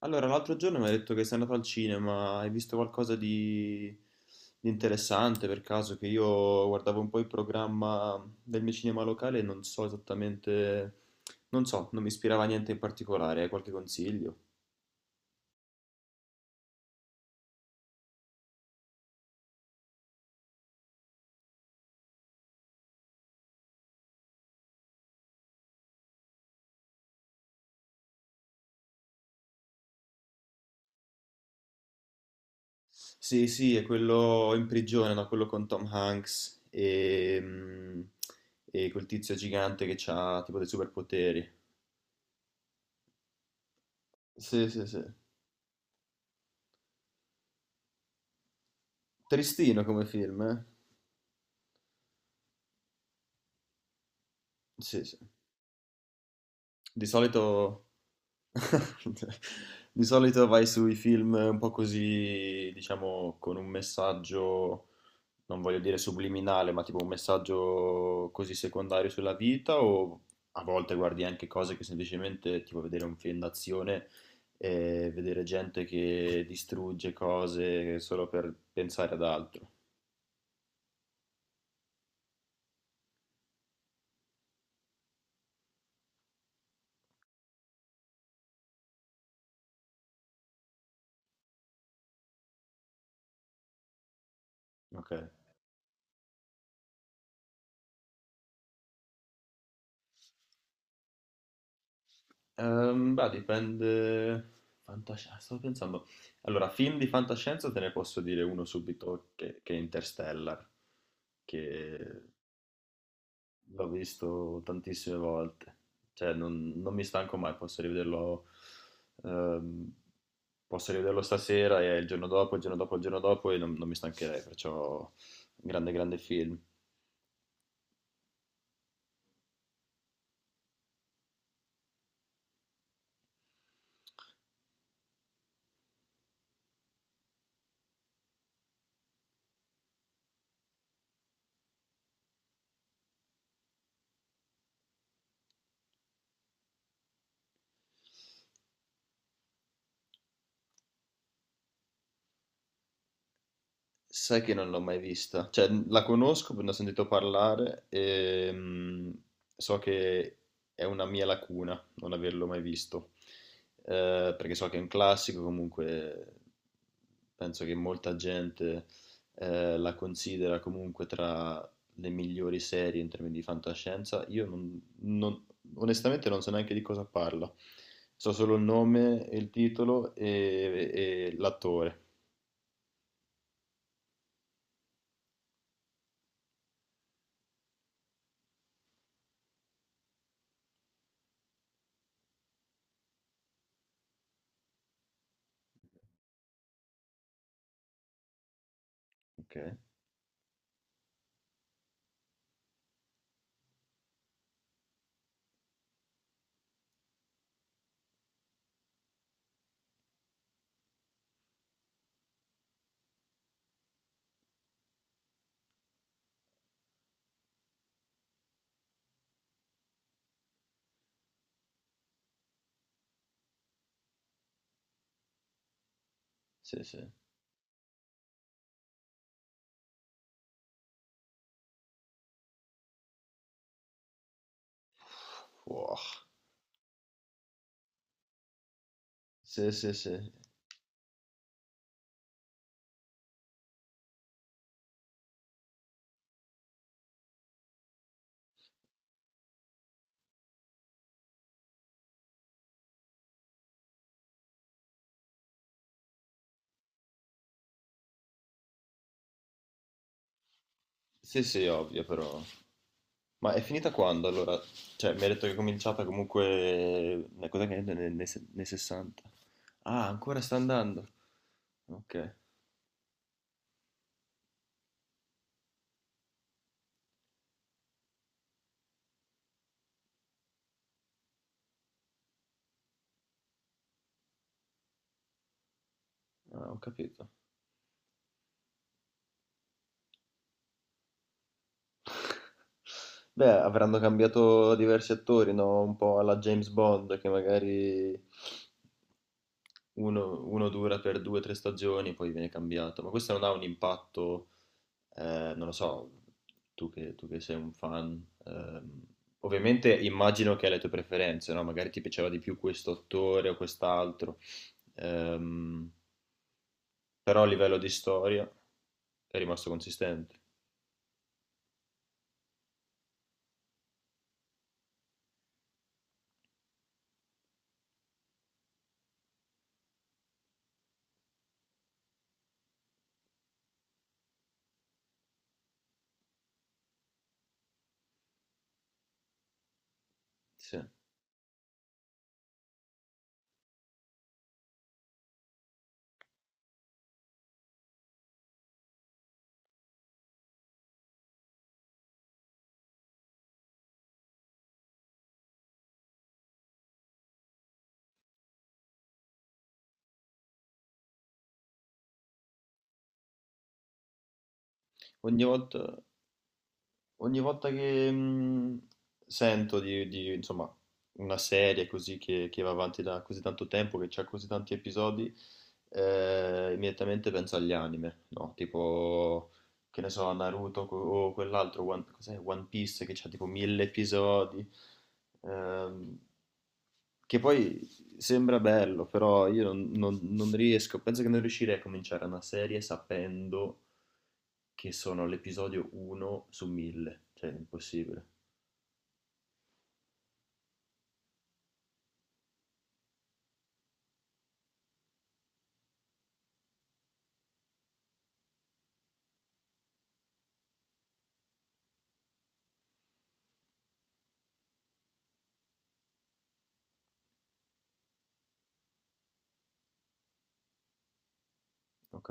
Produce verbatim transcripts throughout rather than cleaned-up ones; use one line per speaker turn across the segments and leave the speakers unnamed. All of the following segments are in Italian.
Allora, l'altro giorno mi hai detto che sei andato al cinema, hai visto qualcosa di, di interessante per caso? Che io guardavo un po' il programma del mio cinema locale e non so esattamente, non so, non mi ispirava a niente in particolare, hai qualche consiglio? Sì, sì, è quello in prigione, no? Quello con Tom Hanks e, mm, e quel tizio gigante che ha tipo dei superpoteri. Sì, sì, sì. Tristino come film, eh? Sì, sì. Di solito di solito vai sui film un po' così, diciamo, con un messaggio, non voglio dire subliminale, ma tipo un messaggio così secondario sulla vita, o a volte guardi anche cose che semplicemente, tipo vedere un film d'azione e vedere gente che distrugge cose solo per pensare ad altro. Ok. Ehm, beh, dipende. fantasci- Stavo pensando. Allora, film di fantascienza te ne posso dire uno subito che, che è Interstellar, che l'ho visto tantissime volte. Cioè, non, non mi stanco mai, posso rivederlo. ehm, Posso rivederlo stasera e il giorno dopo, il giorno dopo, il giorno dopo e non, non mi stancherei, perciò grande, grande film. Sai che non l'ho mai vista, cioè n- la conosco, ne ho sentito parlare e mm, so che è una mia lacuna non averlo mai visto, Eh, perché so che è un classico, comunque penso che molta gente eh, la considera comunque tra le migliori serie in termini di fantascienza. Io non, non- onestamente non so neanche di cosa parla, so solo il nome, il titolo e, e l'attore. Ok, sì, sì. Wow. Sì, sì, sì. Sì, sì, ovvio, però. Ma è finita quando allora? Cioè, mi ha detto che è cominciata comunque. Una cosa che è nel- nei, nei se- nei sessanta. Ah, ancora sta andando. Ok, ah, ho capito. Beh, avranno cambiato diversi attori, no? Un po' alla James Bond, che magari Uno, uno dura per due o tre stagioni, poi viene cambiato, ma questo non ha un impatto, eh, non lo so, tu che, tu che sei un fan, ehm, ovviamente immagino che hai le tue preferenze, no? Magari ti piaceva di più questo attore o quest'altro, ehm, però a livello di storia è rimasto consistente, sì. Ogni volta... Ogni volta che mh, sento di, di, insomma, una serie così che, che va avanti da così tanto tempo, che ha così tanti episodi, eh, immediatamente penso agli anime, no? Tipo che ne so, Naruto co- o quell'altro, One, cos'è? One Piece che c'ha tipo mille episodi, ehm, che poi sembra bello, però io non, non- non riesco, penso che non riuscirei a cominciare una serie sapendo che sono all'episodio uno su mille, cioè è impossibile. Ok.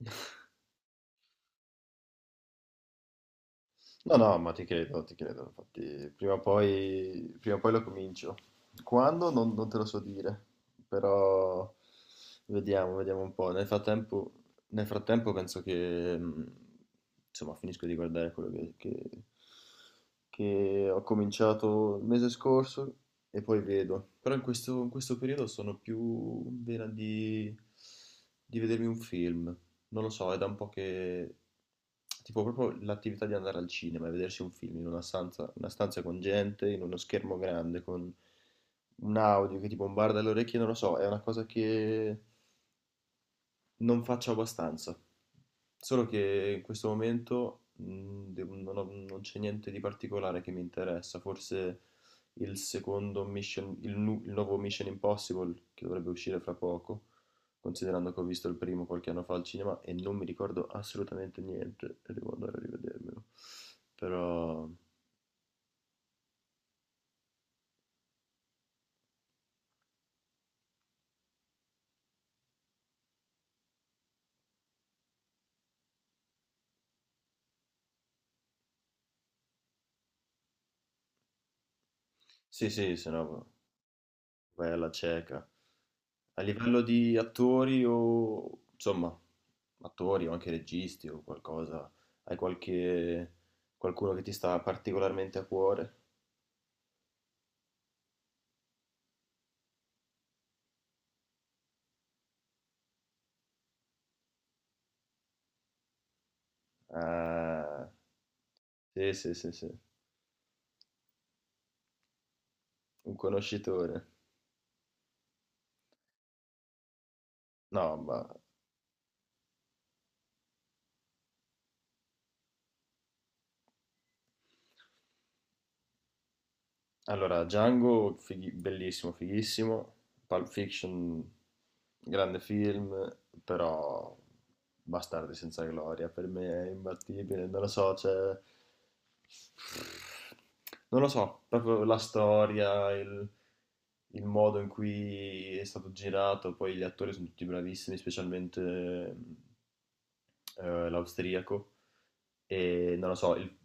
No, no, ma ti credo, ti credo, infatti prima o poi, prima o poi lo comincio. Quando? Non, non te lo so dire, però vediamo, vediamo un po'. Nel frattempo, nel frattempo penso che, mh, insomma, finisco di guardare quello che, che- che ho cominciato il mese scorso e poi vedo. Però in questo, in questo periodo sono più in vena di, di vedermi un film. Non lo so, è da un po' che. Tipo proprio l'attività di andare al cinema e vedersi un film in una stanza, una stanza con gente, in uno schermo grande, con un audio che ti bombarda le orecchie, non lo so, è una cosa che non faccio abbastanza, solo che in questo momento mh, devo- non ho- non c'è niente di particolare che mi interessa, forse il secondo Mission, il, nu- il nuovo Mission Impossible che dovrebbe uscire fra poco, considerando che ho visto il primo qualche anno fa al cinema e non mi ricordo assolutamente niente e devo andare a rivedermelo. Però sì, sì, se no vai alla cieca. A livello di attori o insomma, attori o anche registi o qualcosa, hai qualche qualcuno che ti sta particolarmente a cuore? Ah, sì, sì, sì, sì, un conoscitore. No, ma allora, Django, fighi- bellissimo, fighissimo. Pulp Fiction, grande film, però Bastardi senza gloria, per me è imbattibile, non lo so, cioè. Non lo so, proprio la storia, il, il modo in cui è stato girato, poi gli attori sono tutti bravissimi, specialmente eh, l'austriaco e non lo so, il-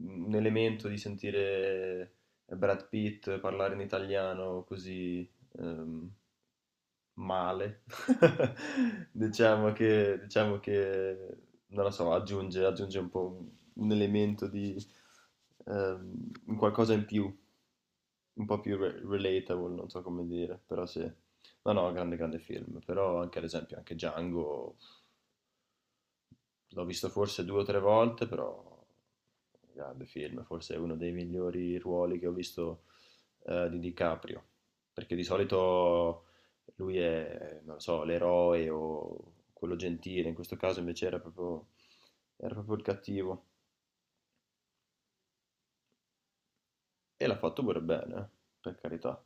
un elemento di sentire Brad Pitt parlare in italiano così ehm, male, diciamo che, diciamo che, non lo so, aggiunge, aggiunge un po' un, un elemento di ehm, un qualcosa in più, un po' più re- relatable, non so come dire, però sì. No, no, grande, grande film, però anche ad esempio anche Django l'ho visto forse due o tre volte, però un grande film, forse è uno dei migliori ruoli che ho visto, ehm, di DiCaprio, perché di solito lui è, non lo so, l'eroe o quello gentile, in questo caso invece era proprio era proprio il cattivo e l'ha fatto pure bene, eh, per carità.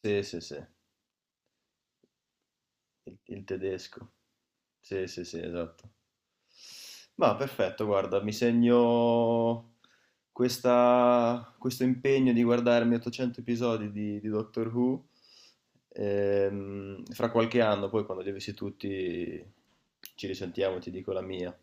Sì, sì, sì. il, il tedesco. Sì, sì, sì, esatto. Ma perfetto, guarda, mi segno questa- questo impegno di guardarmi ottocento episodi di, di Doctor Who. Ehm, fra qualche anno, poi quando li avessi tutti, ci risentiamo, ti dico la mia.